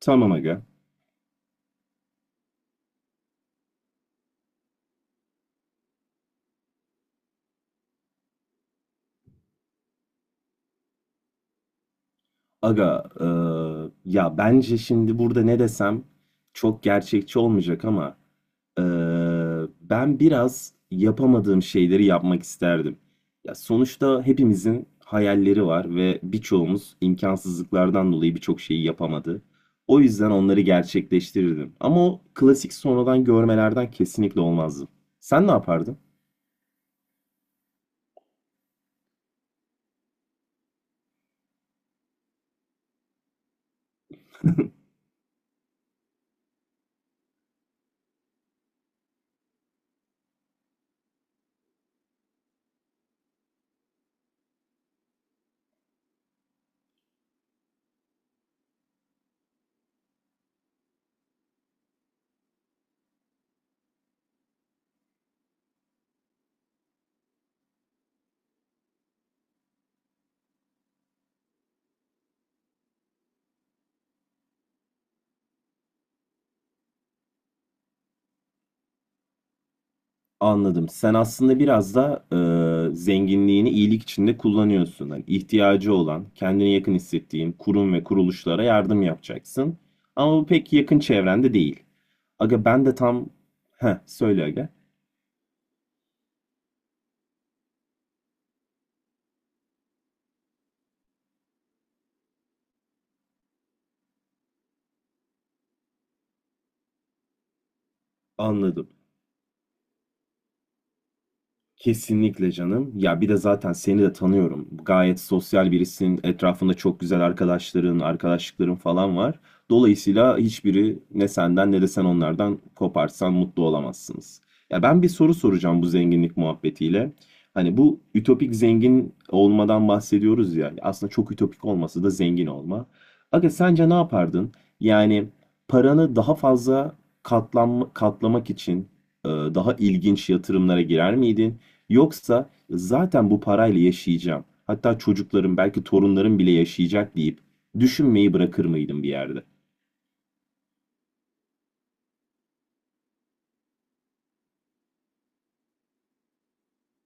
Tamam aga. Aga, ya bence şimdi burada ne desem çok gerçekçi olmayacak ama eee, ben biraz yapamadığım şeyleri yapmak isterdim. Ya sonuçta hepimizin hayalleri var ve birçoğumuz imkansızlıklardan dolayı birçok şeyi yapamadı. O yüzden onları gerçekleştirirdim. Ama o klasik sonradan görmelerden kesinlikle olmazdım. Sen ne yapardın? Anladım. Sen aslında biraz da zenginliğini iyilik içinde kullanıyorsun. Hani ihtiyacı olan, kendine yakın hissettiğin kurum ve kuruluşlara yardım yapacaksın. Ama bu pek yakın çevrende değil. Aga ben de tam... Heh, söyle aga. Anladım. Kesinlikle canım. Ya bir de zaten seni de tanıyorum. Gayet sosyal birisin. Etrafında çok güzel arkadaşların, arkadaşlıkların falan var. Dolayısıyla hiçbiri ne senden ne de sen onlardan koparsan mutlu olamazsınız. Ya ben bir soru soracağım bu zenginlik muhabbetiyle. Hani bu ütopik zengin olmadan bahsediyoruz ya. Aslında çok ütopik olması da zengin olma. Aga sence ne yapardın? Yani paranı daha fazla katlamak için daha ilginç yatırımlara girer miydin? Yoksa zaten bu parayla yaşayacağım. Hatta çocuklarım belki torunlarım bile yaşayacak deyip düşünmeyi bırakır mıydım bir yerde?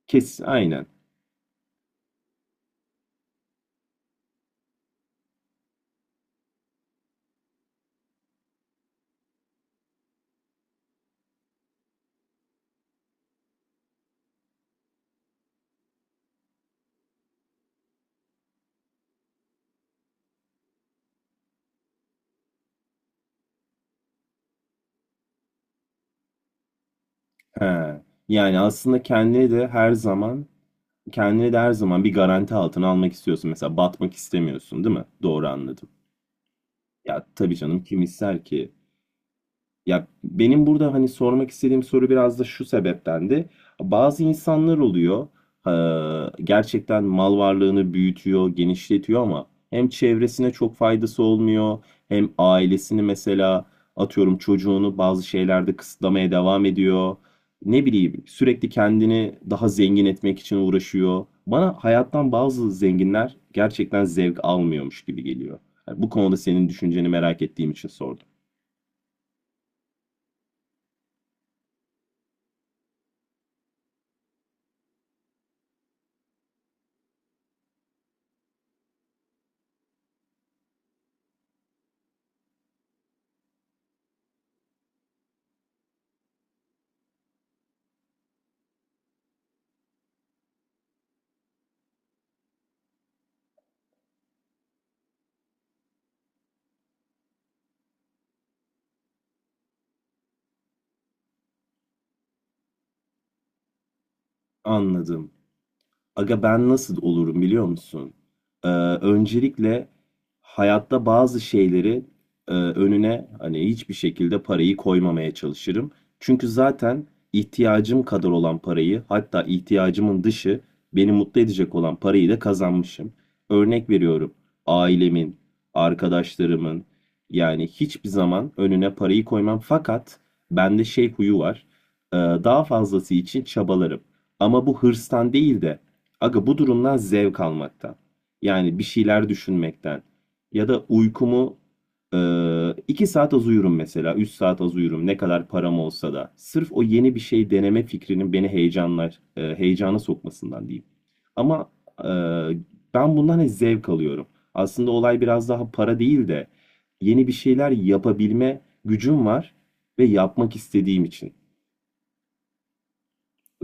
Kes, aynen. He. Yani aslında kendine de her zaman kendine de her zaman bir garanti altına almak istiyorsun. Mesela batmak istemiyorsun, değil mi? Doğru anladım. Ya tabii canım kim ister ki? Ya benim burada hani sormak istediğim soru biraz da şu sebeptendi. Bazı insanlar oluyor, gerçekten mal varlığını büyütüyor, genişletiyor ama hem çevresine çok faydası olmuyor, hem ailesini mesela atıyorum çocuğunu bazı şeylerde kısıtlamaya devam ediyor. Ne bileyim sürekli kendini daha zengin etmek için uğraşıyor. Bana hayattan bazı zenginler gerçekten zevk almıyormuş gibi geliyor. Yani bu konuda senin düşünceni merak ettiğim için sordum. Anladım. Aga ben nasıl olurum biliyor musun? Ee, Öncelikle hayatta bazı şeyleri önüne hani hiçbir şekilde parayı koymamaya çalışırım. Çünkü zaten ihtiyacım kadar olan parayı hatta ihtiyacımın dışı beni mutlu edecek olan parayı da kazanmışım. Örnek veriyorum ailemin, arkadaşlarımın yani hiçbir zaman önüne parayı koymam. Fakat bende şey huyu var. Daha fazlası için çabalarım. Ama bu hırstan değil de aga bu durumdan zevk almaktan. Yani bir şeyler düşünmekten. Ya da uykumu e, 2 saat az uyurum mesela. 3 saat az uyurum. Ne kadar param olsa da. Sırf o yeni bir şey deneme fikrinin beni heyecana sokmasından diyeyim. Ama e, ben bundan hep zevk alıyorum. Aslında olay biraz daha para değil de yeni bir şeyler yapabilme gücüm var ve yapmak istediğim için.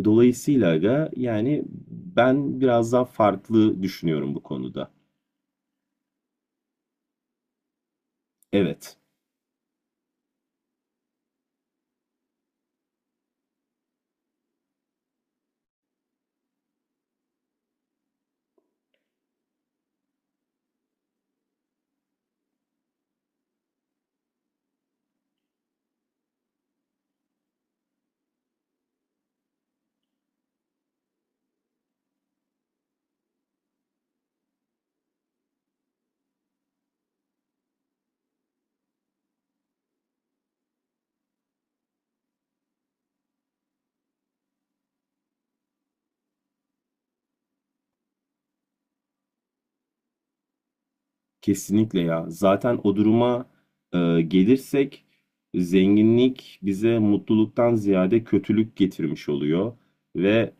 Dolayısıyla aga yani ben biraz daha farklı düşünüyorum bu konuda. Evet, kesinlikle ya. Zaten o duruma gelirsek zenginlik bize mutluluktan ziyade kötülük getirmiş oluyor ve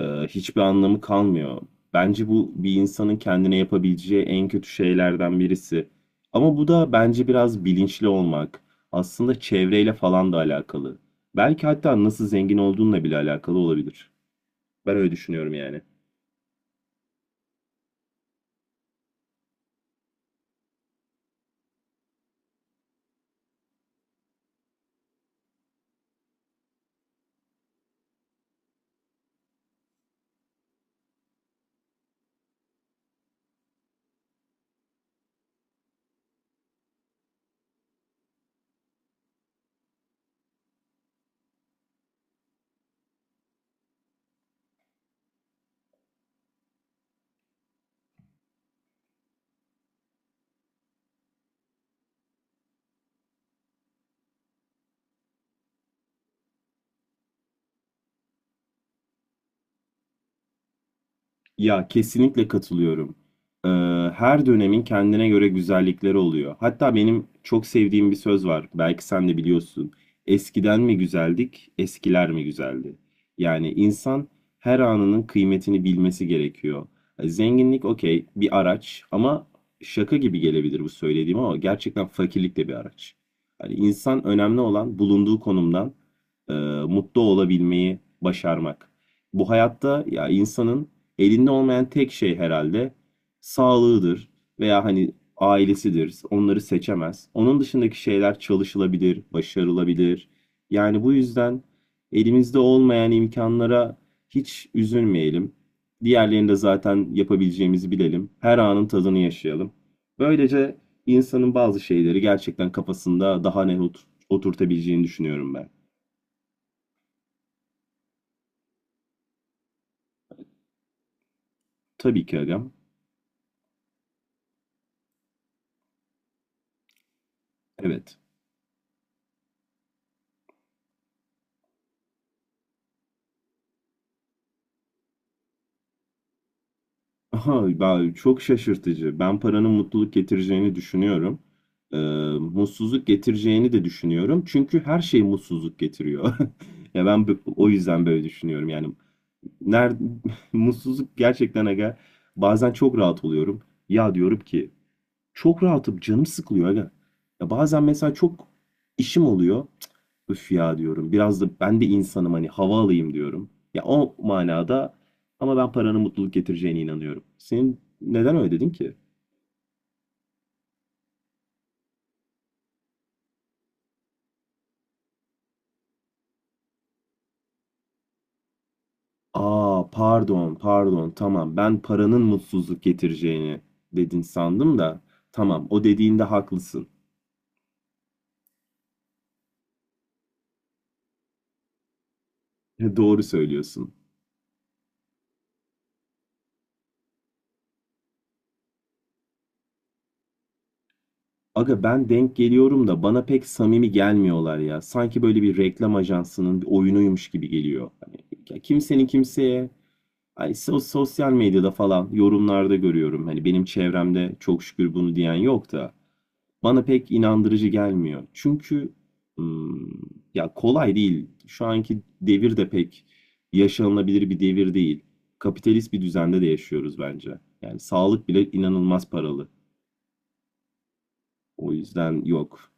hiçbir anlamı kalmıyor. Bence bu bir insanın kendine yapabileceği en kötü şeylerden birisi. Ama bu da bence biraz bilinçli olmak. Aslında çevreyle falan da alakalı. Belki hatta nasıl zengin olduğunla bile alakalı olabilir. Ben öyle düşünüyorum yani. Ya kesinlikle katılıyorum. Ee, Her dönemin kendine göre güzellikleri oluyor. Hatta benim çok sevdiğim bir söz var. Belki sen de biliyorsun. Eskiden mi güzeldik, eskiler mi güzeldi? Yani insan her anının kıymetini bilmesi gerekiyor. Zenginlik okey bir araç ama şaka gibi gelebilir bu söylediğim ama gerçekten fakirlik de bir araç. Yani insan önemli olan bulunduğu konumdan e, mutlu olabilmeyi başarmak. Bu hayatta ya insanın elinde olmayan tek şey herhalde sağlığıdır veya hani ailesidir. Onları seçemez. Onun dışındaki şeyler çalışılabilir, başarılabilir. Yani bu yüzden elimizde olmayan imkanlara hiç üzülmeyelim. Diğerlerini de zaten yapabileceğimizi bilelim. Her anın tadını yaşayalım. Böylece insanın bazı şeyleri gerçekten kafasında daha net oturtabileceğini düşünüyorum ben. Tabii ki agam. Evet. Aha, çok şaşırtıcı. Ben paranın mutluluk getireceğini düşünüyorum. Ee, Mutsuzluk getireceğini de düşünüyorum. Çünkü her şey mutsuzluk getiriyor. Ya ben o yüzden böyle düşünüyorum. Yani nerede mutsuzluk gerçekten aga bazen çok rahat oluyorum. Ya diyorum ki çok rahatım canım sıkılıyor aga. Ya bazen mesela çok işim oluyor. Üf ya diyorum. Biraz da ben de insanım hani hava alayım diyorum. Ya o manada ama ben paranın mutluluk getireceğine inanıyorum. Senin neden öyle dedin ki? Aa pardon pardon tamam ben paranın mutsuzluk getireceğini dedin sandım da tamam o dediğinde haklısın. Doğru söylüyorsun. Aga ben denk geliyorum da bana pek samimi gelmiyorlar ya. Sanki böyle bir reklam ajansının bir oyunuymuş gibi geliyor. Hani ya kimsenin kimseye ay, sosyal medyada falan yorumlarda görüyorum. Hani benim çevremde çok şükür bunu diyen yok da bana pek inandırıcı gelmiyor. Çünkü hmm, ya kolay değil. Şu anki devir de pek yaşanılabilir bir devir değil. Kapitalist bir düzende de yaşıyoruz bence. Yani sağlık bile inanılmaz paralı. O yüzden yok.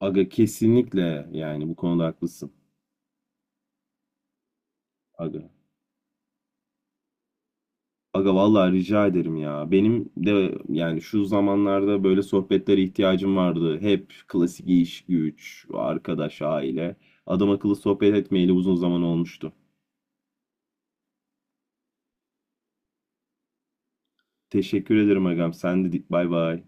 Aga kesinlikle yani bu konuda haklısın. Aga. Aga vallahi rica ederim ya. Benim de yani şu zamanlarda böyle sohbetlere ihtiyacım vardı. Hep klasik iş, güç, arkadaş, aile. Adam akıllı sohbet etmeyeli uzun zaman olmuştu. Teşekkür ederim agam. Sen de dik bay bay.